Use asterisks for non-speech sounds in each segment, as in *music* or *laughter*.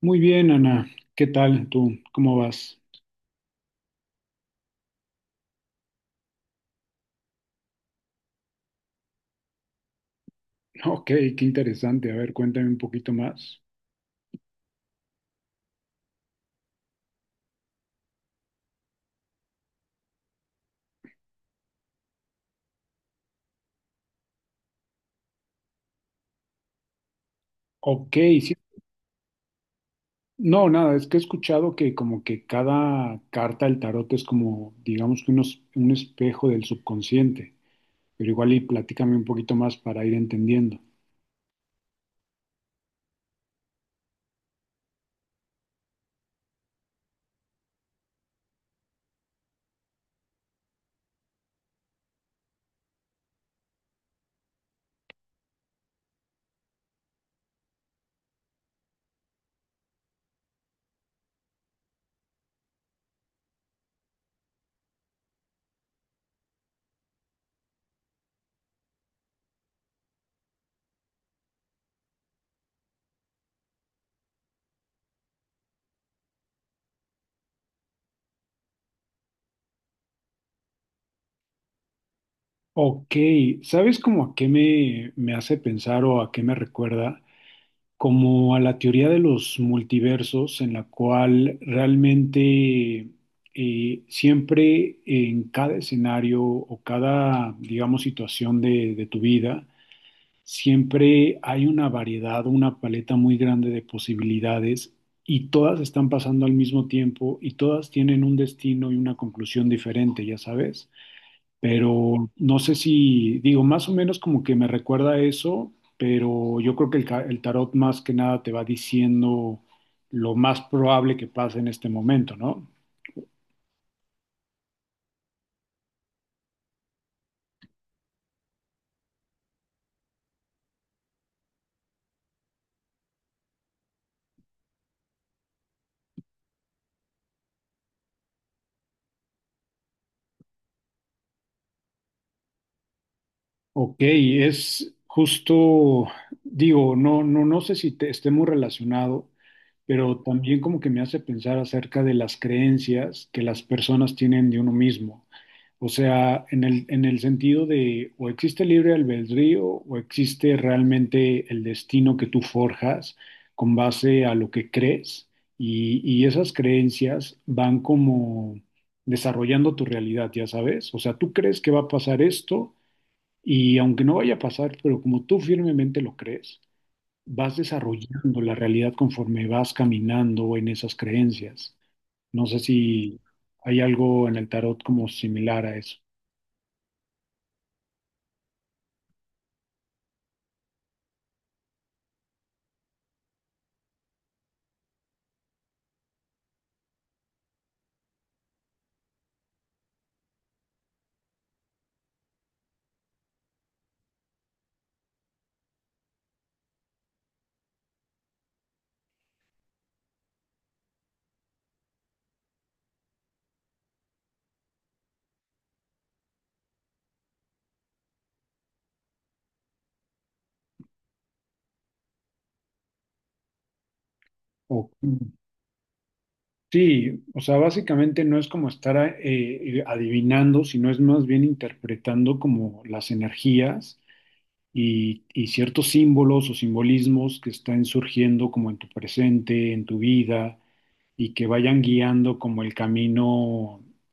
Muy bien, Ana. ¿Qué tal tú? ¿Cómo vas? *laughs* Ok, qué interesante. A ver, cuéntame un poquito más. Ok, sí. No, nada, es que he escuchado que como que cada carta del tarot es como, digamos que unos, un espejo del subconsciente, pero igual y platícame un poquito más para ir entendiendo. Ok, ¿sabes como a qué me hace pensar o a qué me recuerda? Como a la teoría de los multiversos, en la cual realmente siempre en cada escenario o cada, digamos, situación de tu vida, siempre hay una variedad, una paleta muy grande de posibilidades y todas están pasando al mismo tiempo y todas tienen un destino y una conclusión diferente, ya sabes. Pero no sé si, digo, más o menos como que me recuerda a eso, pero yo creo que el tarot más que nada te va diciendo lo más probable que pase en este momento, ¿no? Ok, es justo, digo, no sé si te, esté muy relacionado, pero también como que me hace pensar acerca de las creencias que las personas tienen de uno mismo. O sea, en en el sentido de o existe libre albedrío o existe realmente el destino que tú forjas con base a lo que crees y esas creencias van como desarrollando tu realidad, ya sabes. O sea, tú crees que va a pasar esto y aunque no vaya a pasar, pero como tú firmemente lo crees, vas desarrollando la realidad conforme vas caminando en esas creencias. No sé si hay algo en el tarot como similar a eso. O- sí, o sea, básicamente no es como estar adivinando, sino es más bien interpretando como las energías y ciertos símbolos o simbolismos que están surgiendo como en tu presente, en tu vida, y que vayan guiando como el camino,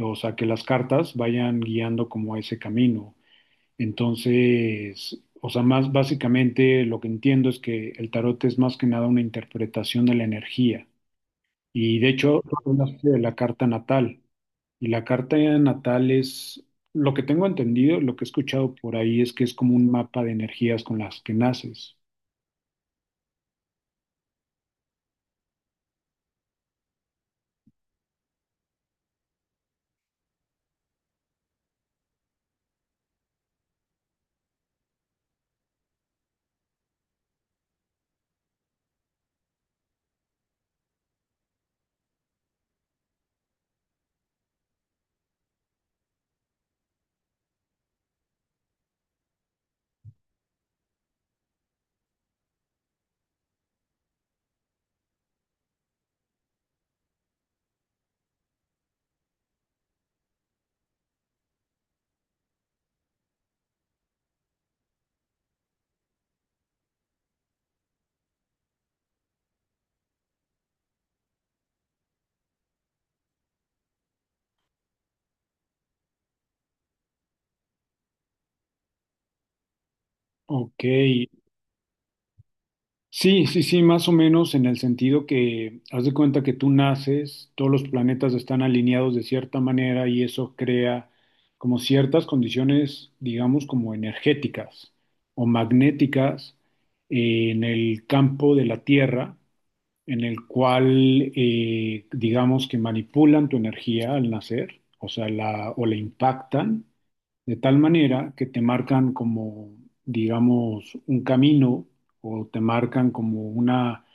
o sea, que las cartas vayan guiando como ese camino. Entonces, o sea, más básicamente lo que entiendo es que el tarot es más que nada una interpretación de la energía. Y de hecho, tú hablaste de la carta natal. Y la carta natal es, lo que tengo entendido, lo que he escuchado por ahí es que es como un mapa de energías con las que naces. Ok, sí, sí, sí, más o menos en el sentido que haz de cuenta que tú naces, todos los planetas están alineados de cierta manera y eso crea como ciertas condiciones, digamos, como energéticas o magnéticas en el campo de la Tierra en el cual, digamos que manipulan tu energía al nacer, o sea, la, o la impactan de tal manera que te marcan como, digamos, un camino o te marcan como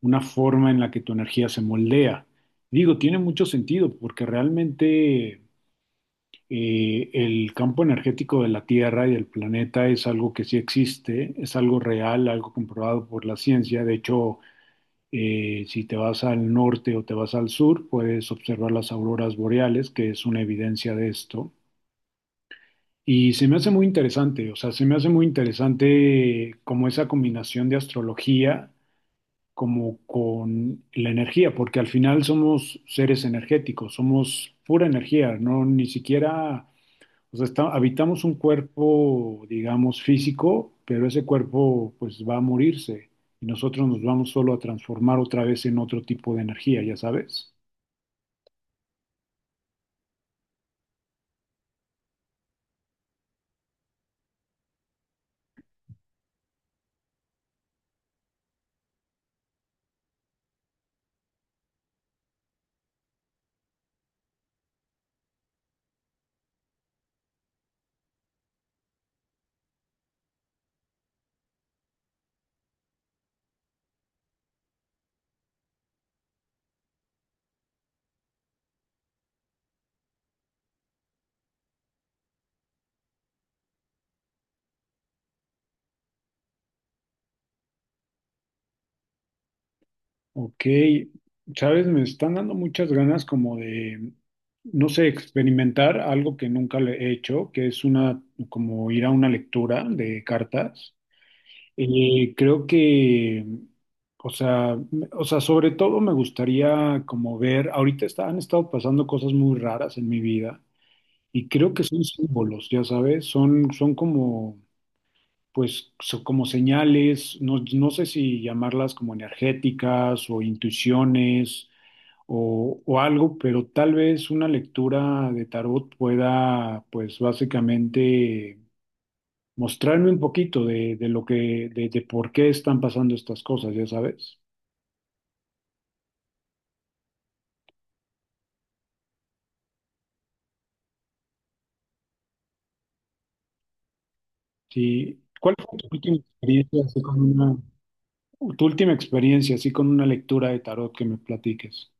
una forma en la que tu energía se moldea. Digo, tiene mucho sentido porque realmente el campo energético de la Tierra y del planeta es algo que sí existe, es algo real, algo comprobado por la ciencia. De hecho, si te vas al norte o te vas al sur, puedes observar las auroras boreales, que es una evidencia de esto. Y se me hace muy interesante, o sea, se me hace muy interesante como esa combinación de astrología como con la energía, porque al final somos seres energéticos, somos pura energía, no ni siquiera o sea, está- habitamos un cuerpo, digamos, físico, pero ese cuerpo pues va a morirse y nosotros nos vamos solo a transformar otra vez en otro tipo de energía, ya sabes. Ok, sabes, me están dando muchas ganas como de, no sé, experimentar algo que nunca le he hecho, que es una, como ir a una lectura de cartas. Creo que, o sea, me- o sea, sobre todo me gustaría como ver, ahorita está- han estado pasando cosas muy raras en mi vida y creo que son símbolos, ya sabes, son como, pues, son como señales, no, no sé si llamarlas como energéticas o intuiciones o algo, pero tal vez una lectura de tarot pueda, pues, básicamente mostrarme un poquito de lo que, de por qué están pasando estas cosas, ya sabes. Sí. ¿Cuál fue tu última experiencia así con una, tu última experiencia así con una lectura de tarot que me platiques?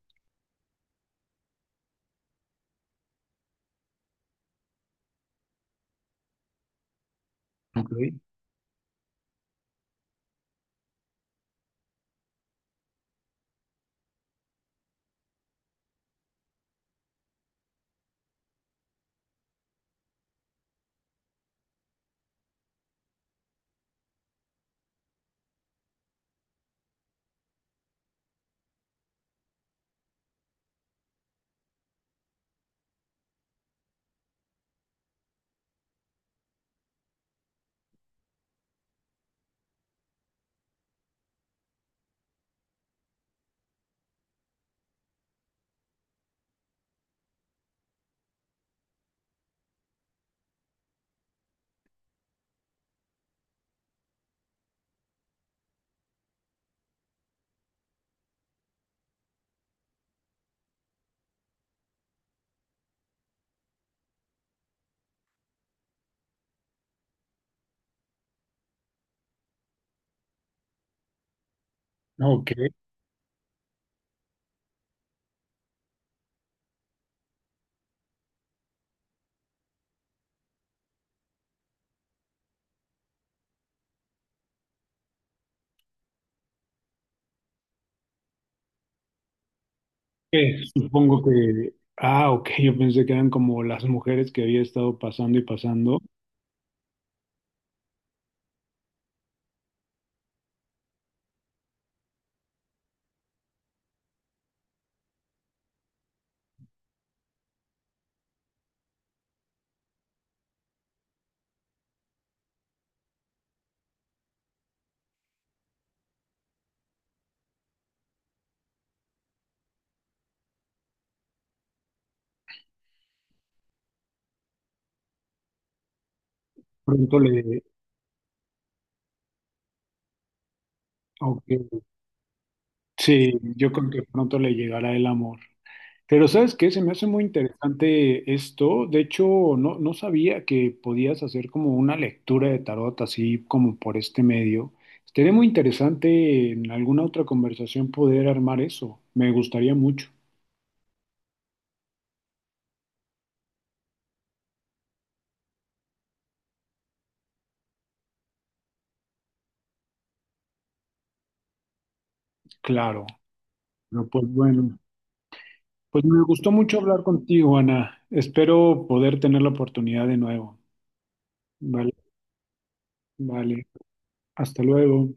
Ok. Ok. Supongo que, ah, ok, yo pensé que eran como las mujeres que había estado pasando y pasando. Pronto le, ok. Sí, yo creo que pronto le llegará el amor. Pero ¿sabes qué? Se me hace muy interesante esto. De hecho, no, no sabía que podías hacer como una lectura de tarot así como por este medio. Estaría muy interesante en alguna otra conversación poder armar eso. Me gustaría mucho. Claro. Pero pues bueno, pues me gustó mucho hablar contigo, Ana. Espero poder tener la oportunidad de nuevo. Vale, vale. Hasta luego.